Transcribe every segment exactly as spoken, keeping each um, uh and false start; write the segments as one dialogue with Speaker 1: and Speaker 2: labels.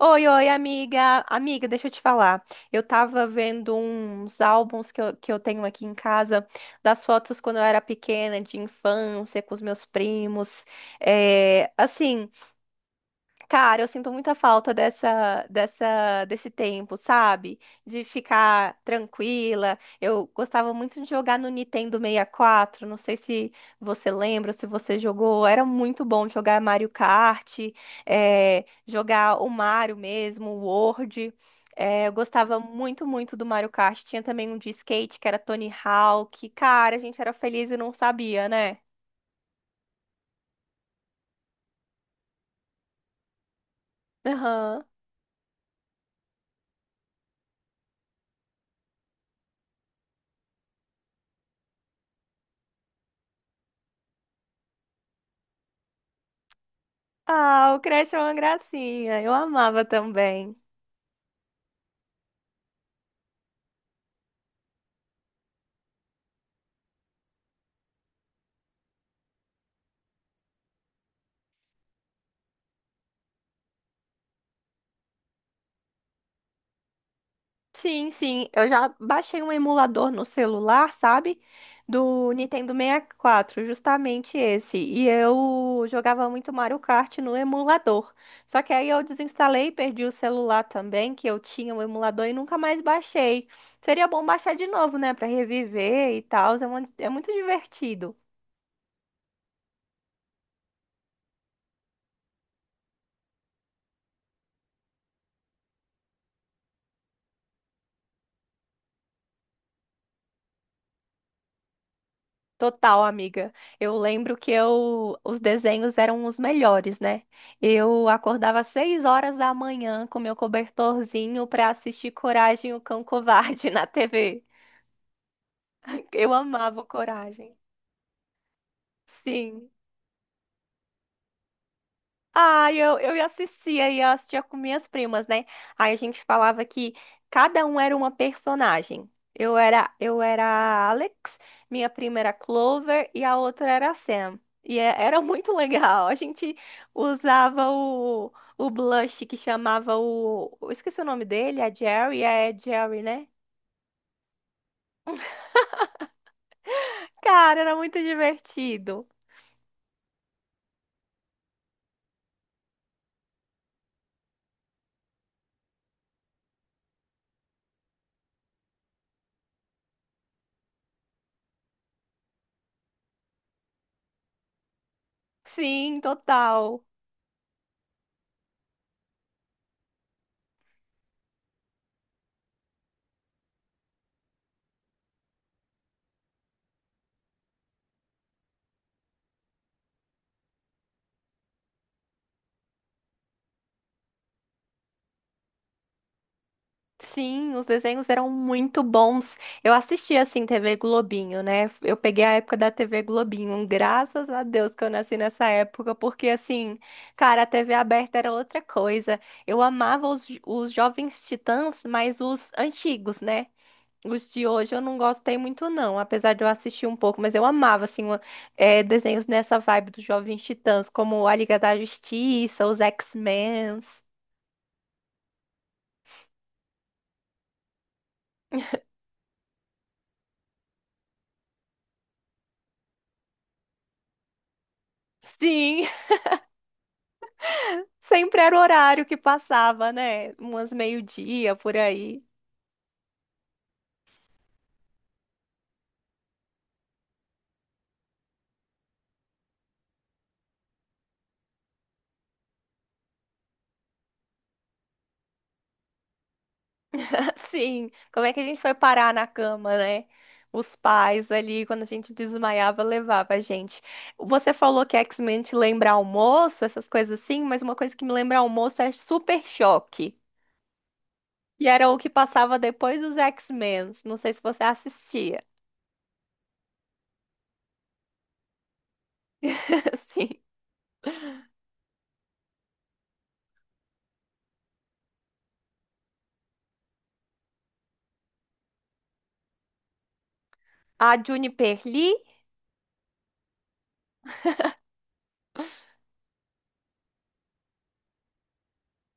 Speaker 1: Oi, oi, amiga. Amiga, deixa eu te falar. Eu tava vendo uns álbuns que eu, que eu tenho aqui em casa, das fotos quando eu era pequena, de infância, com os meus primos. É, assim. Cara, eu sinto muita falta dessa, dessa, desse tempo, sabe? De ficar tranquila. Eu gostava muito de jogar no Nintendo sessenta e quatro. Não sei se você lembra, se você jogou. Era muito bom jogar Mario Kart, eh, jogar o Mario mesmo, o World. Eh, eu gostava muito, muito do Mario Kart. Tinha também um de skate que era Tony Hawk. Cara, a gente era feliz e não sabia, né? Aham. Ah, o Crash é uma gracinha. Eu amava também. Sim, sim. Eu já baixei um emulador no celular, sabe? Do Nintendo sessenta e quatro, justamente esse. E eu jogava muito Mario Kart no emulador. Só que aí eu desinstalei, perdi o celular também, que eu tinha o emulador e nunca mais baixei. Seria bom baixar de novo, né? Pra reviver e tal. É, mu- é muito divertido. Total, amiga. Eu lembro que eu, os desenhos eram os melhores, né? Eu acordava às seis horas da manhã com meu cobertorzinho para assistir Coragem, o Cão Covarde na tê vê. Eu amava o Coragem. Sim. Ah, eu, eu ia assistia e eu assistia com minhas primas, né? Aí a gente falava que cada um era uma personagem. Eu era, eu era a Alex, minha prima era a Clover e a outra era a Sam. E é- era muito legal. A gente usava o, o blush que chamava o. Eu esqueci o nome dele, é Jerry, é Jerry, né? Cara, era muito divertido. Sim, total. Sim, os desenhos eram muito bons. Eu assistia assim tê vê Globinho, né? Eu peguei a época da tê vê Globinho. Graças a Deus que eu nasci nessa época, porque assim, cara, a tê vê aberta era outra coisa. Eu amava os, os Jovens Titãs, mas os antigos, né? Os de hoje eu não gostei muito, não, apesar de eu assistir um pouco, mas eu amava, assim, uma- eh, desenhos nessa vibe dos Jovens Titãs, como a Liga da Justiça, os X-Men. Sim, sempre era o horário que passava, né? Umas meio-dia por aí. Assim, como é que a gente foi parar na cama, né? Os pais ali, quando a gente desmaiava, levava a gente. Você falou que X-Men te lembra almoço, essas coisas assim, mas uma coisa que me lembra almoço é Super Choque. E era o que passava depois dos X-Men. Não sei se você assistia. Sim. A Juniper Lee.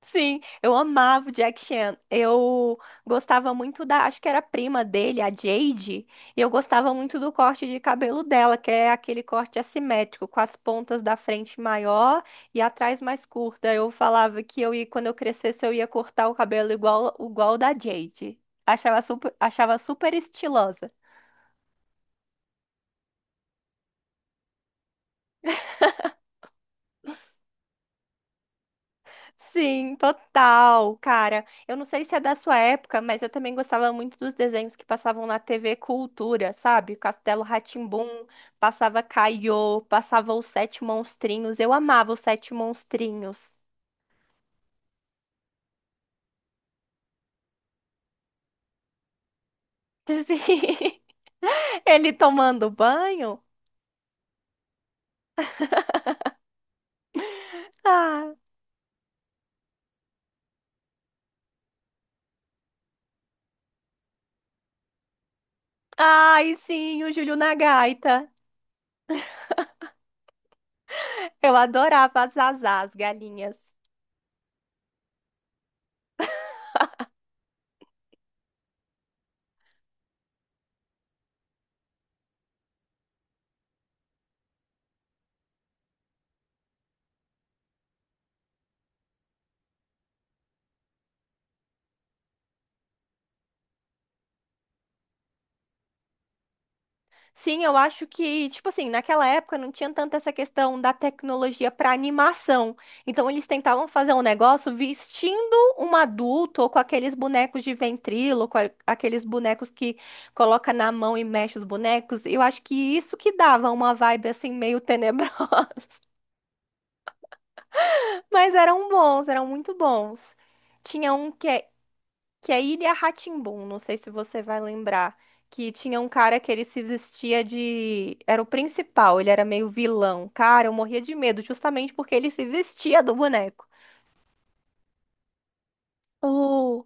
Speaker 1: Sim, eu amava o Jack Chan. Eu gostava muito da, acho que era a prima dele, a Jade, e eu gostava muito do corte de cabelo dela, que é aquele corte assimétrico, com as pontas da frente maior e atrás mais curta. Eu falava que eu ia, quando eu crescesse, eu ia cortar o cabelo igual, igual o da Jade. Achava super, achava super estilosa. Sim, total, cara. Eu não sei se é da sua época, mas eu também gostava muito dos desenhos que passavam na tê vê Cultura, sabe? Castelo rá tim passava Caiô, passava Os Sete Monstrinhos. Eu amava Os Sete Monstrinhos. Sim. Ele tomando banho? Ah. Ai, sim, o Júlio na gaita. Eu adorava as as as galinhas. Sim, eu acho que, tipo assim, naquela época não tinha tanta essa questão da tecnologia para animação. Então eles tentavam fazer um negócio vestindo um adulto ou com aqueles bonecos de ventríloco, a- aqueles bonecos que coloca na mão e mexe os bonecos. Eu acho que isso que dava uma vibe assim meio tenebrosa, mas eram bons, eram muito bons. Tinha um que é que é Ilha rá, não sei se você vai lembrar, que tinha um cara que ele se vestia de... Era o principal, ele era meio vilão. Cara, eu morria de medo, justamente porque ele se vestia do boneco. Oh,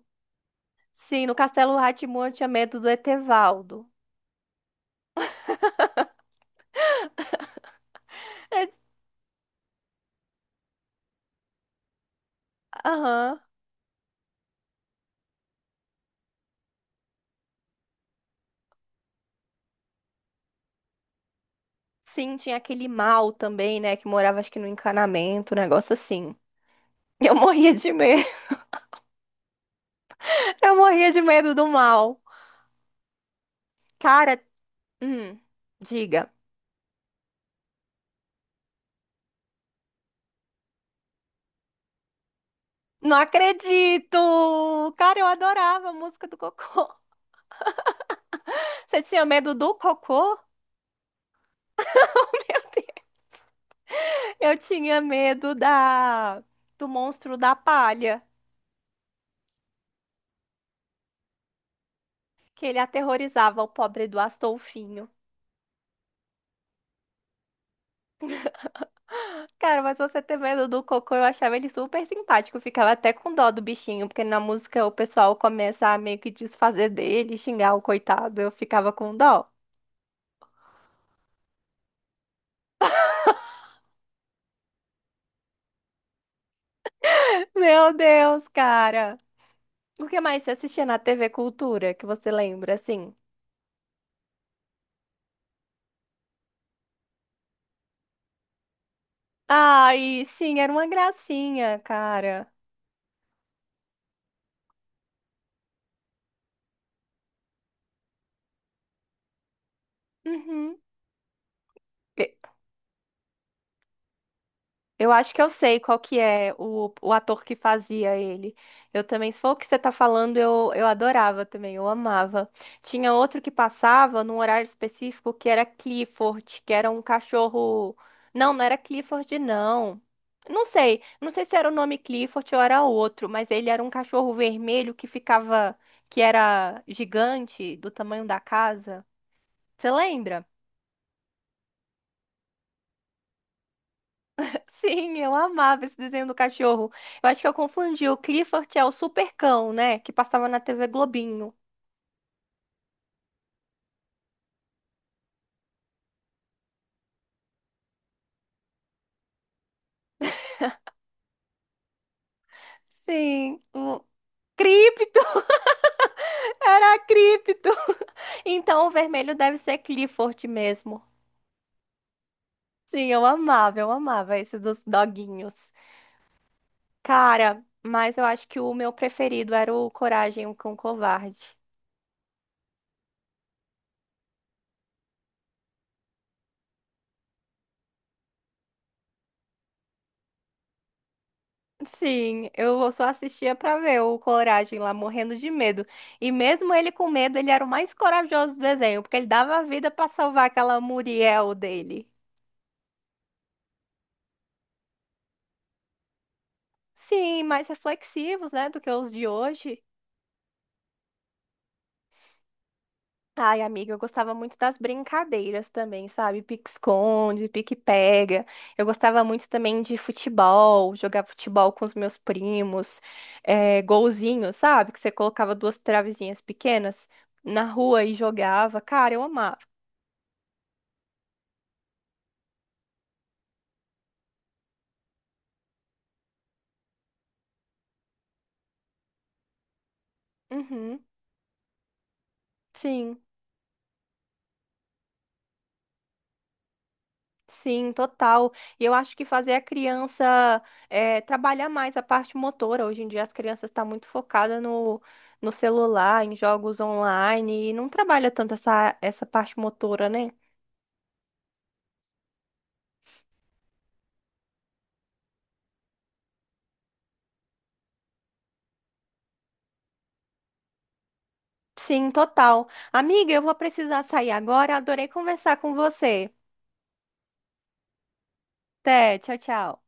Speaker 1: sim, no Castelo rá tim eu tinha medo do Etevaldo. É, aham. Sim, tinha aquele mal também, né, que morava acho que no encanamento, um negócio assim. Eu morria de medo, eu morria de medo do mal. Cara, hum, diga. Não acredito! Cara, eu adorava a música do Cocô. Você tinha medo do Cocô? Meu Deus. Eu tinha medo da do monstro da palha, que ele aterrorizava o pobre do Astolfinho. Cara, mas você ter medo do Cocô, eu achava ele super simpático. Eu ficava até com dó do bichinho, porque na música o pessoal começa a meio que desfazer dele, xingar o coitado. Eu ficava com dó. Meu Deus, cara. O que mais você assistia na tê vê Cultura que você lembra, assim? Ai, sim, era uma gracinha, cara. Uhum. E- Eu acho que eu sei qual que é o, o ator que fazia ele. Eu também, se for o que você tá falando, eu, eu adorava também, eu amava. Tinha outro que passava num horário específico que era Clifford, que era um cachorro. Não, não era Clifford, não. Não sei, não sei se era o nome Clifford ou era outro, mas ele era um cachorro vermelho que ficava, que era gigante, do tamanho da casa. Você lembra? Sim, eu amava esse desenho do cachorro. Eu acho que eu confundi. O Clifford é o Supercão, né? Que passava na tê vê Globinho. Sim, o Cripto! Era Cripto! Então o vermelho deve ser Clifford mesmo. Sim, eu amava, eu amava esse dos doguinhos. Cara, mas eu acho que o meu preferido era o Coragem, o Cão Covarde. Sim, eu só assistia pra ver o Coragem lá morrendo de medo. E mesmo ele com medo, ele era o mais corajoso do desenho, porque ele dava a vida pra salvar aquela Muriel dele. Sim, mais reflexivos, né, do que os de hoje. Ai, amiga, eu gostava muito das brincadeiras também, sabe? Pique-esconde, pique-pega. Eu gostava muito também de futebol, jogar futebol com os meus primos, eh, golzinho, sabe? Que você colocava duas travezinhas pequenas na rua e jogava. Cara, eu amava. Uhum, sim, sim, total. E eu acho que fazer a criança eh, trabalhar mais a parte motora. Hoje em dia as crianças estão muito focadas no, no celular, em jogos online, e não trabalha tanto essa, essa parte motora, né? Sim, total. Amiga, eu vou precisar sair agora. Adorei conversar com você. Até, tchau, tchau.